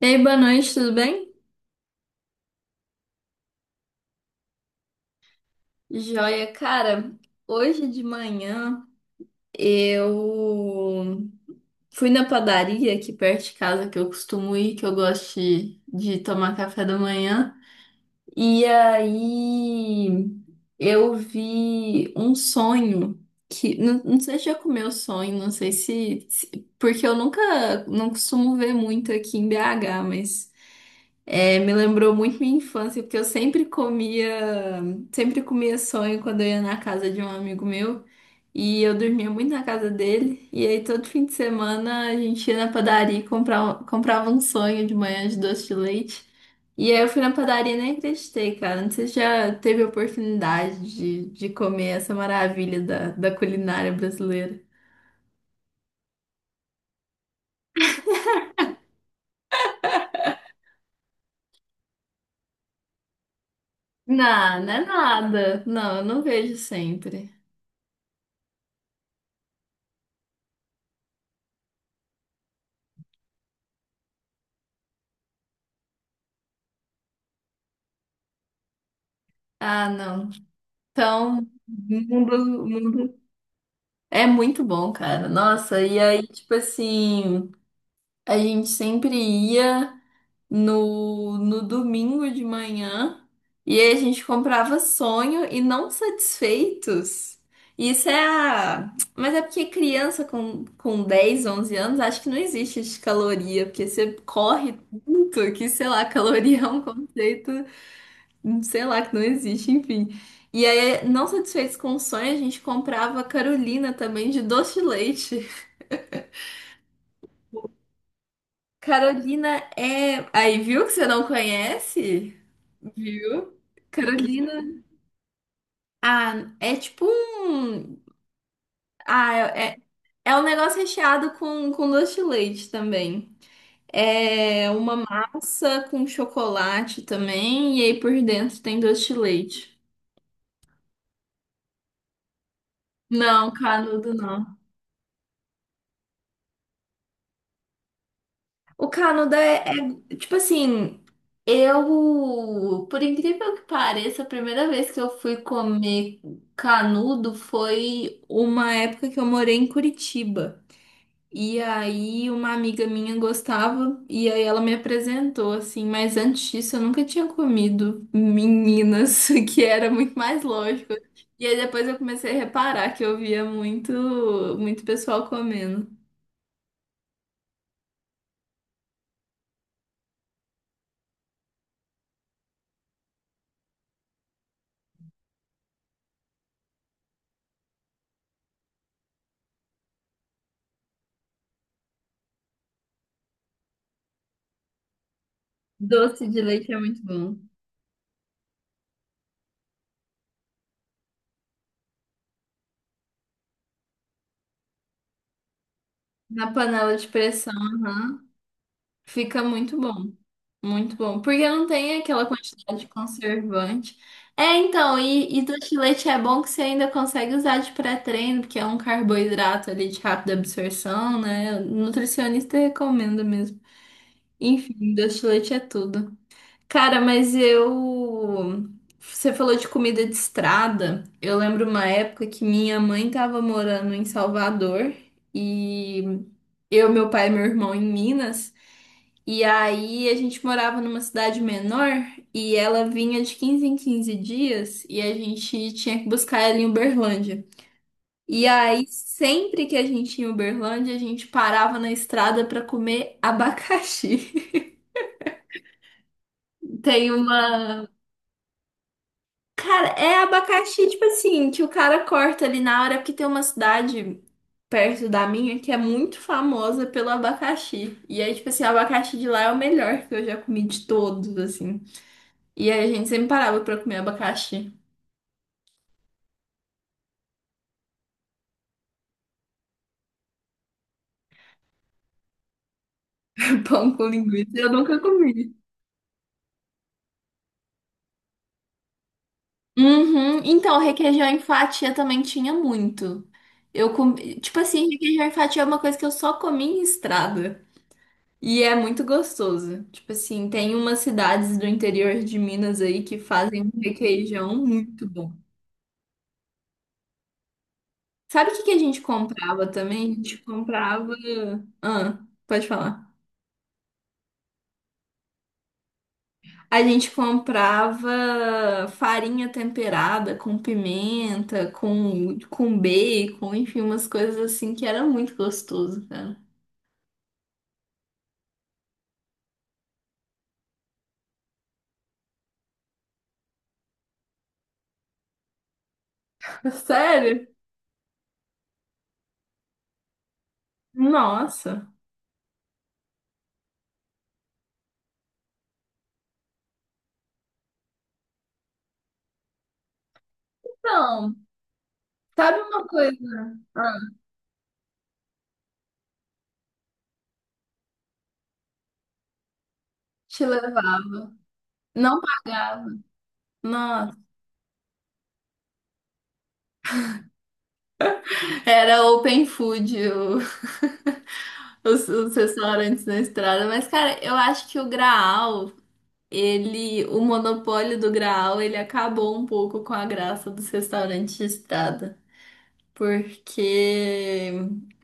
Ei, boa noite, tudo bem? Joia, cara, hoje de manhã eu fui na padaria aqui perto de casa que eu costumo ir, que eu gosto de tomar café da manhã. E aí eu vi um sonho que não sei se já comeu sonho, não sei porque eu nunca não costumo ver muito aqui em BH, mas me lembrou muito minha infância, porque eu sempre comia sonho quando eu ia na casa de um amigo meu. E eu dormia muito na casa dele. E aí todo fim de semana a gente ia na padaria e comprava um sonho de manhã de doce de leite. E aí eu fui na padaria e nem acreditei, cara. Não sei se já teve a oportunidade de comer essa maravilha da culinária brasileira. Não, não é nada. Não, eu não vejo sempre. Ah, não. Então, mundo é muito bom, cara. Nossa, e aí, tipo assim, a gente sempre ia no domingo de manhã e aí a gente comprava sonho e não satisfeitos. Isso é a... Mas é porque criança com 10, 11 anos, acho que não existe de caloria, porque você corre tanto que, sei lá, caloria é um conceito sei lá, que não existe, enfim. E aí, não satisfeitos com o sonho, a gente comprava Carolina também de doce de leite. Carolina é. Aí, viu que você não conhece? Viu? Carolina. Ah, é tipo um. Ah, é é um negócio recheado com doce de leite também. É uma massa com chocolate também, e aí por dentro tem doce de leite. Não, canudo não. O Canadá tipo assim, eu, por incrível que pareça, a primeira vez que eu fui comer canudo foi uma época que eu morei em Curitiba. E aí uma amiga minha gostava e aí ela me apresentou assim, mas antes disso eu nunca tinha comido meninas, que era muito mais lógico. E aí depois eu comecei a reparar que eu via muito pessoal comendo. Doce de leite é muito bom. Na panela de pressão, aham. Fica muito bom. Muito bom. Porque não tem aquela quantidade de conservante. É, então, e do chilete é bom que você ainda consegue usar de pré-treino, porque é um carboidrato ali de rápida absorção, né? O nutricionista recomenda mesmo. Enfim, do chilete é tudo. Cara, mas eu. Você falou de comida de estrada. Eu lembro uma época que minha mãe tava morando em Salvador e eu, meu pai e meu irmão em Minas. E aí a gente morava numa cidade menor e ela vinha de 15 em 15 dias e a gente tinha que buscar ela em Uberlândia. E aí, sempre que a gente ia em Uberlândia, a gente parava na estrada pra comer abacaxi. Tem uma Cara, é abacaxi, tipo assim, que o cara corta ali na hora, porque tem uma cidade perto da minha que é muito famosa pelo abacaxi. E aí, tipo assim, o abacaxi de lá é o melhor que eu já comi de todos, assim. E aí a gente sempre parava pra comer abacaxi. Pão com linguiça, eu nunca comi. Uhum. Então, requeijão em fatia também tinha muito. Eu comi, tipo assim, requeijão em fatia é uma coisa que eu só comi em estrada. E é muito gostoso. Tipo assim, tem umas cidades do interior de Minas aí que fazem um requeijão muito bom. Sabe o que que a gente comprava também? A gente comprava. Ah, pode falar. A gente comprava farinha temperada com pimenta, com bacon, enfim, umas coisas assim que era muito gostoso, cara. Sério? Nossa. Então, sabe uma coisa? Ah, te levar. Não pagava. Nossa. Era open food os restaurantes na estrada. Mas, cara, eu acho que o Graal, ele, o monopólio do Graal, ele acabou um pouco com a graça dos restaurantes de estrada. Porque,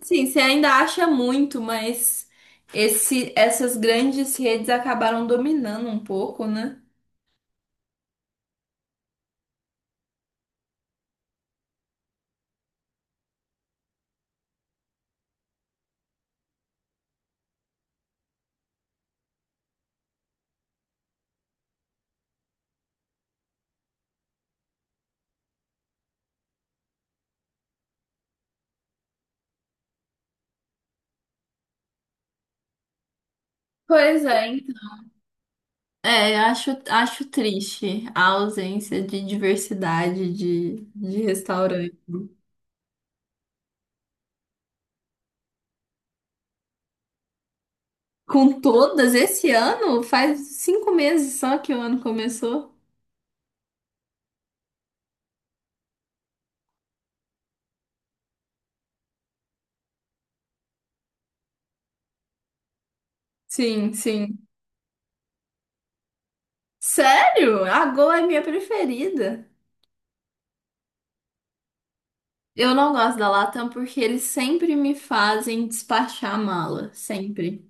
assim, você ainda acha muito, mas essas grandes redes acabaram dominando um pouco, né? Pois é, então. É, acho, acho triste a ausência de diversidade de Com todas, esse ano? Faz 5 meses só que o ano começou. Sim, sim. Sério? A Gol é minha preferida. Eu não gosto da Latam porque eles sempre me fazem despachar a mala, sempre.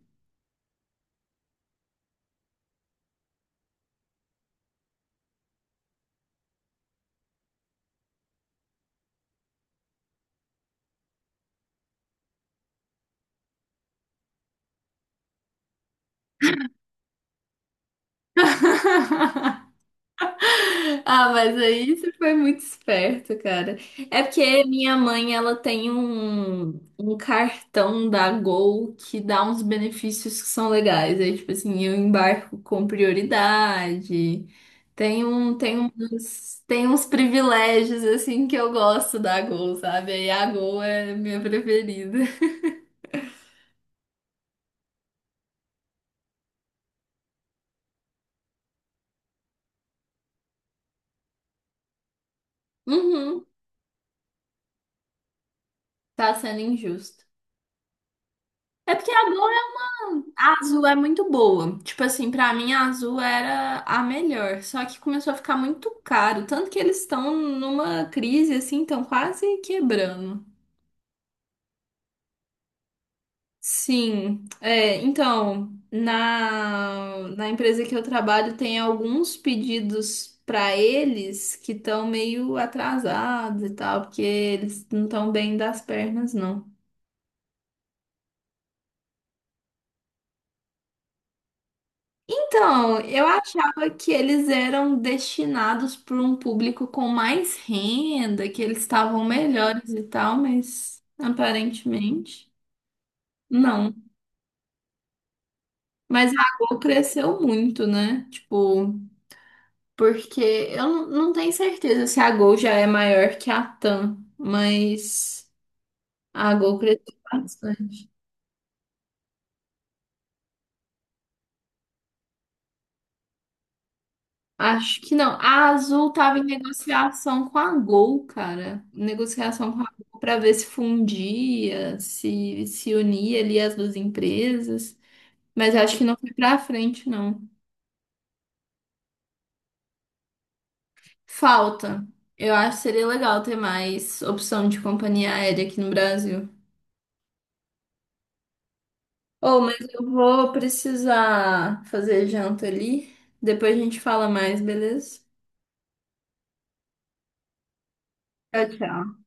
Ah, mas aí você foi muito esperto, cara. É porque minha mãe, ela tem um cartão da Gol que dá uns benefícios que são legais. Aí, tipo assim, eu embarco com prioridade. Tem uns privilégios, assim, que eu gosto da Gol, sabe? Aí a Gol é minha preferida. Uhum, tá sendo injusto. É porque a Gol A azul é muito boa. Tipo assim, pra mim a azul era a melhor. Só que começou a ficar muito caro. Tanto que eles estão numa crise, assim, estão quase quebrando. Sim. É, então, na empresa que eu trabalho, tem alguns pedidos pra eles que estão meio atrasados e tal, porque eles não estão bem das pernas, não. Então, eu achava que eles eram destinados para um público com mais renda, que eles estavam melhores e tal, mas aparentemente não. Mas a Gol cresceu muito, né? Tipo, porque eu não tenho certeza se a Gol já é maior que a TAM, mas a Gol cresceu bastante. Acho que não. A Azul tava em negociação com a Gol, cara. Negociação com a Gol para ver se fundia, se se unia ali as duas empresas. Mas eu acho que não foi pra frente, não. Falta. Eu acho que seria legal ter mais opção de companhia aérea aqui no Brasil. Oh, mas eu vou precisar fazer janta ali. Depois a gente fala mais, beleza? Tchau, tchau.